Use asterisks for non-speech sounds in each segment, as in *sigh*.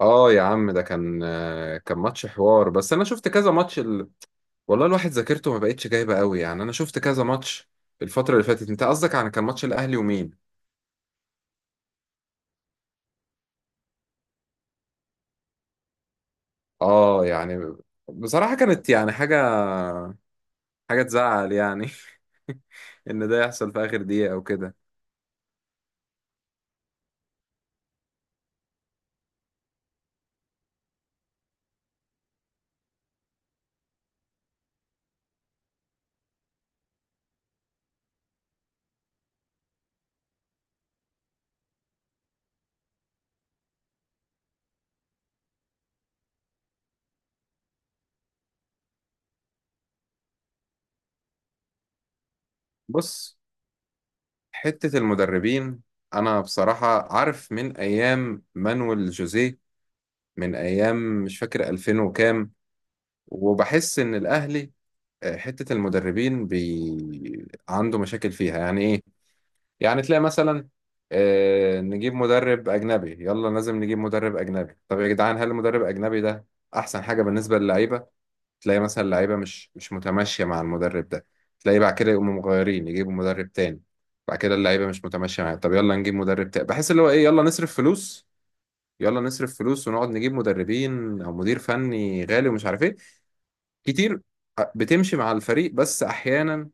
اه يا عم، ده كان كان ماتش حوار، بس انا شفت كذا ماتش والله الواحد ذاكرته ما بقتش جايبه قوي، يعني انا شفت كذا ماتش الفتره اللي فاتت. انت قصدك عن كان ماتش الاهلي ومين؟ اه يعني بصراحه كانت يعني حاجه، حاجه تزعل يعني. *laughs* ان ده يحصل في اخر دقيقه او كده. بص، حته المدربين انا بصراحه عارف من ايام مانويل جوزيه، من ايام مش فاكر 2000 وكام، وبحس ان الاهلي حتة المدربين عنده مشاكل فيها، يعني إيه؟ يعني تلاقي مثلا نجيب مدرب أجنبي، يلا لازم نجيب مدرب أجنبي. طب يا جدعان، هل المدرب الأجنبي ده أحسن حاجة بالنسبة للعيبة؟ تلاقي مثلا اللعيبة مش متماشية مع المدرب ده، تلاقي بعد كده يقوموا مغيرين يجيبوا مدرب تاني. بعد كده اللعيبة مش متماشية معاه، طب يلا نجيب مدرب تاني. بحس اللي هو إيه، يلا نصرف فلوس، يلا نصرف فلوس ونقعد نجيب مدربين أو مدير فني غالي ومش عارف إيه كتير. بتمشي مع الفريق، بس أحيانا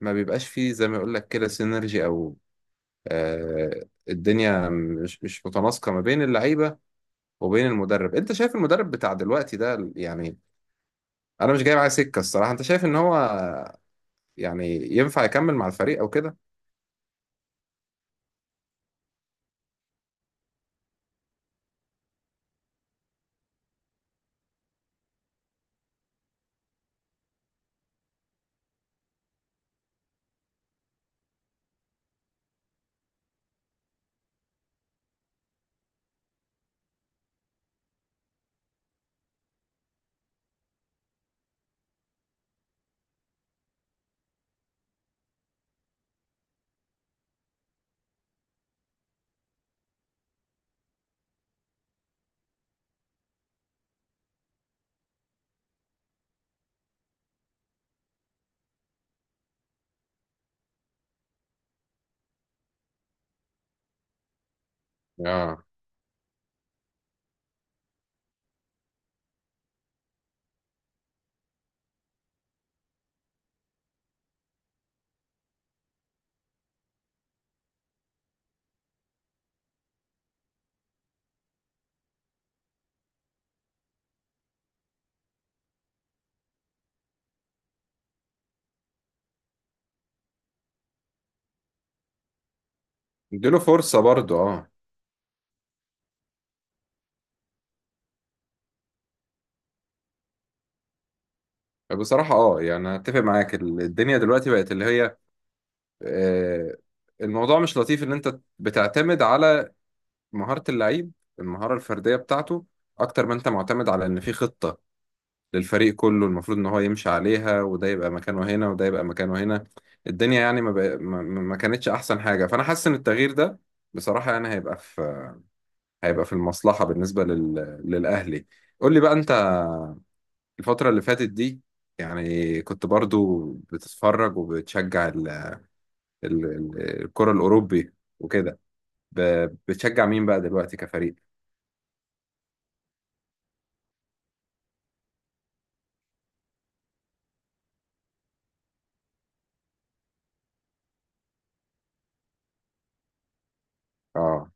ما بيبقاش فيه زي ما يقول لك كده سينرجي او آه الدنيا مش متناسقه ما بين اللعيبه وبين المدرب. انت شايف المدرب بتاع دلوقتي ده يعني؟ انا مش جاي معاه سكه الصراحه، انت شايف ان هو يعني ينفع يكمل مع الفريق او كده؟ اه، اديله فرصه برضه اه. بصراحه اه، يعني أنا اتفق معاك، الدنيا دلوقتي بقت اللي هي آه الموضوع مش لطيف ان انت بتعتمد على مهاره اللعيب، المهاره الفرديه بتاعته، اكتر ما انت معتمد على ان في خطه للفريق كله المفروض ان هو يمشي عليها، وده يبقى مكانه هنا وده يبقى مكانه هنا. الدنيا يعني ما, بق... ما ما- ما كانتش احسن حاجة، فانا حاسس ان التغيير ده بصراحة يعني هيبقى هيبقى في المصلحة بالنسبة للاهلي. قول لي بقى انت الفترة اللي فاتت دي يعني كنت برضو بتتفرج وبتشجع الكرة الاوروبي وكده، ب... بتشجع مين بقى دلوقتي كفريق؟ اه،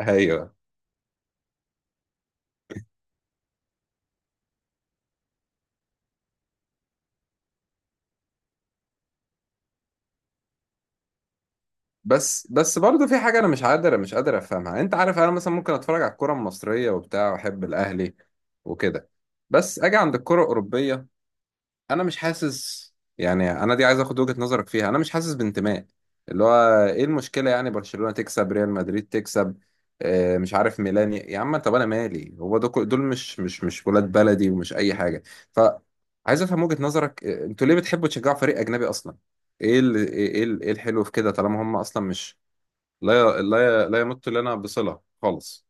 ايوه. بس برضه في حاجة أنا مش قادر أفهمها. أنت عارف، أنا مثلا ممكن أتفرج على الكرة المصرية وبتاع وأحب الأهلي وكده، بس أجي عند الكرة الأوروبية أنا مش حاسس، يعني أنا دي عايز أخد وجهة نظرك فيها. أنا مش حاسس بانتماء، اللي هو إيه المشكلة يعني؟ برشلونة تكسب، ريال مدريد تكسب، مش عارف ميلان، يا عم طب أنا مالي؟ هو دول دول مش ولاد بلدي ومش أي حاجة. ف عايز أفهم وجهة نظرك، أنتوا ليه بتحبوا تشجعوا فريق أجنبي أصلا؟ ايه الحلو في كده طالما هم اصلا مش لا لا لا يمت لنا بصلة خالص؟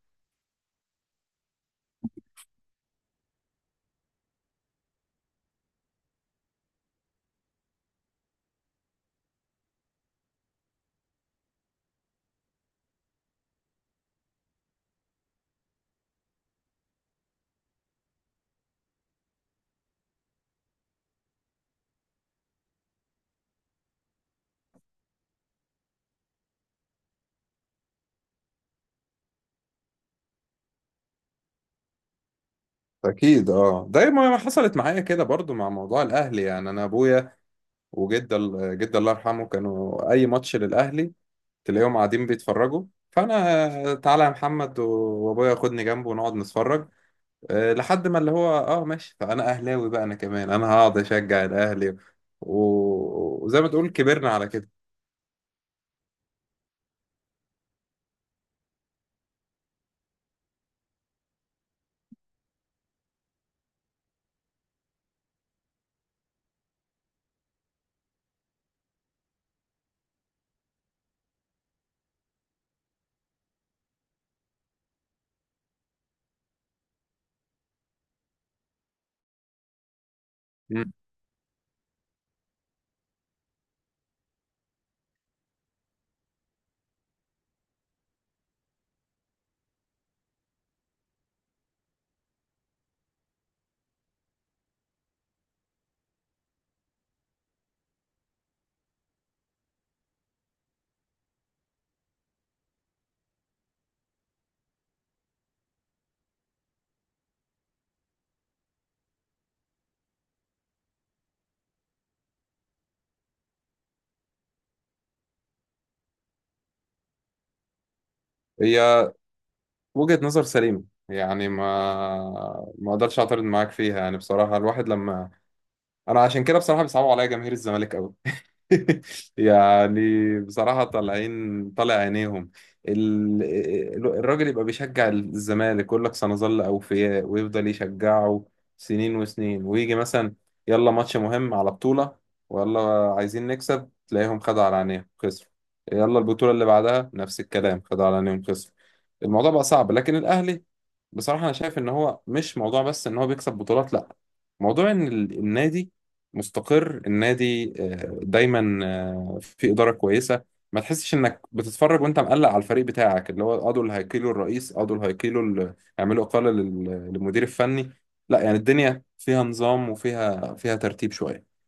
اكيد اه، زي ما حصلت معايا كده برضو مع موضوع الاهلي. يعني انا ابويا وجد جد الله يرحمه، كانوا اي ماتش للاهلي تلاقيهم قاعدين بيتفرجوا. فانا تعالى يا محمد وابويا خدني جنبه ونقعد نتفرج. أه لحد ما اللي هو اه ماشي، فانا اهلاوي بقى انا كمان، انا هقعد اشجع الاهلي. وزي ما تقول كبرنا على كده. مم. هي وجهة نظر سليمة، يعني ما ما اقدرش اعترض معاك فيها. يعني بصراحة الواحد لما، انا عشان كده بصراحه بيصعبوا عليا جماهير الزمالك قوي. *laughs* يعني بصراحه طالعين طالع عينيهم. ال... الراجل يبقى بيشجع الزمالك، يقول لك سنظل اوفياء ويفضل يشجعه سنين وسنين، ويجي مثلا يلا ماتش مهم على بطوله، ويلا عايزين نكسب، تلاقيهم خدوا على عينيهم، خسروا. يلا البطوله اللي بعدها نفس الكلام، خدوا على عينيهم، خسروا. الموضوع بقى صعب. لكن الاهلي بصراحه انا شايف ان هو مش موضوع بس ان هو بيكسب بطولات، لا، موضوع ان النادي مستقر، النادي آه، دايما آه، في إدارة كويسة. ما تحسش انك بتتفرج وانت مقلق على الفريق بتاعك، اللي هو اه دول هيقيلوا الرئيس، اه دول هيقيلوا هيعملوا إقالة للمدير الفني. لا، يعني الدنيا فيها نظام وفيها ترتيب شوية.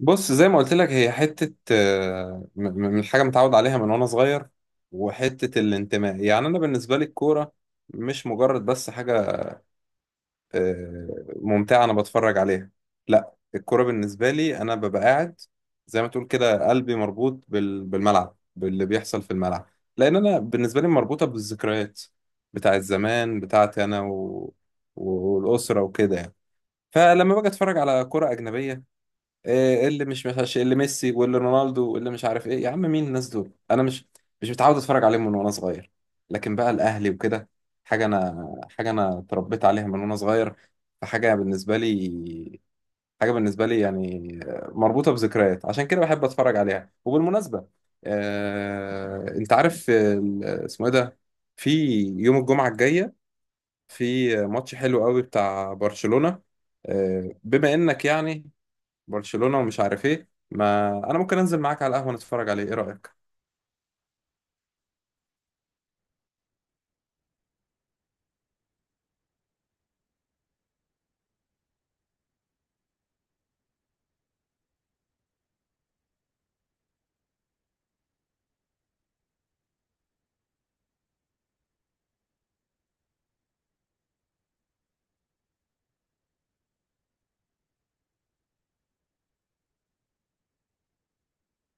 بص، زي ما قلت لك، هي حتة آه، من حاجة متعود عليها من وانا صغير، وحتة الانتماء. يعني انا بالنسبة لي الكورة مش مجرد بس حاجة آه، ممتعة أنا بتفرج عليها، لا، الكرة بالنسبة لي أنا ببقى قاعد زي ما تقول كده قلبي مربوط بالملعب، باللي بيحصل في الملعب، لأن أنا بالنسبة لي مربوطة بالذكريات بتاع الزمان بتاعتي، أنا والأسرة وكده يعني. فلما باجي أتفرج على كرة أجنبية، إيه اللي مش مش اللي ميسي واللي رونالدو واللي مش عارف ايه؟ يا عم مين الناس دول؟ انا مش متعود اتفرج عليهم من وانا صغير. لكن بقى الاهلي وكده حاجه انا، حاجه انا اتربيت عليها من وانا صغير، فحاجه بالنسبه لي، حاجه بالنسبه لي يعني مربوطه بذكريات، عشان كده بحب اتفرج عليها. وبالمناسبه، انت عارف اسمه ايه ده، في يوم الجمعه الجايه في ماتش حلو قوي بتاع برشلونه، بما انك يعني برشلونة ومش عارف ايه، ما انا ممكن انزل معاك على القهوة نتفرج عليه، ايه رأيك؟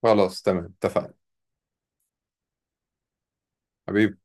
خلاص تمام، اتفقنا. حبيبي.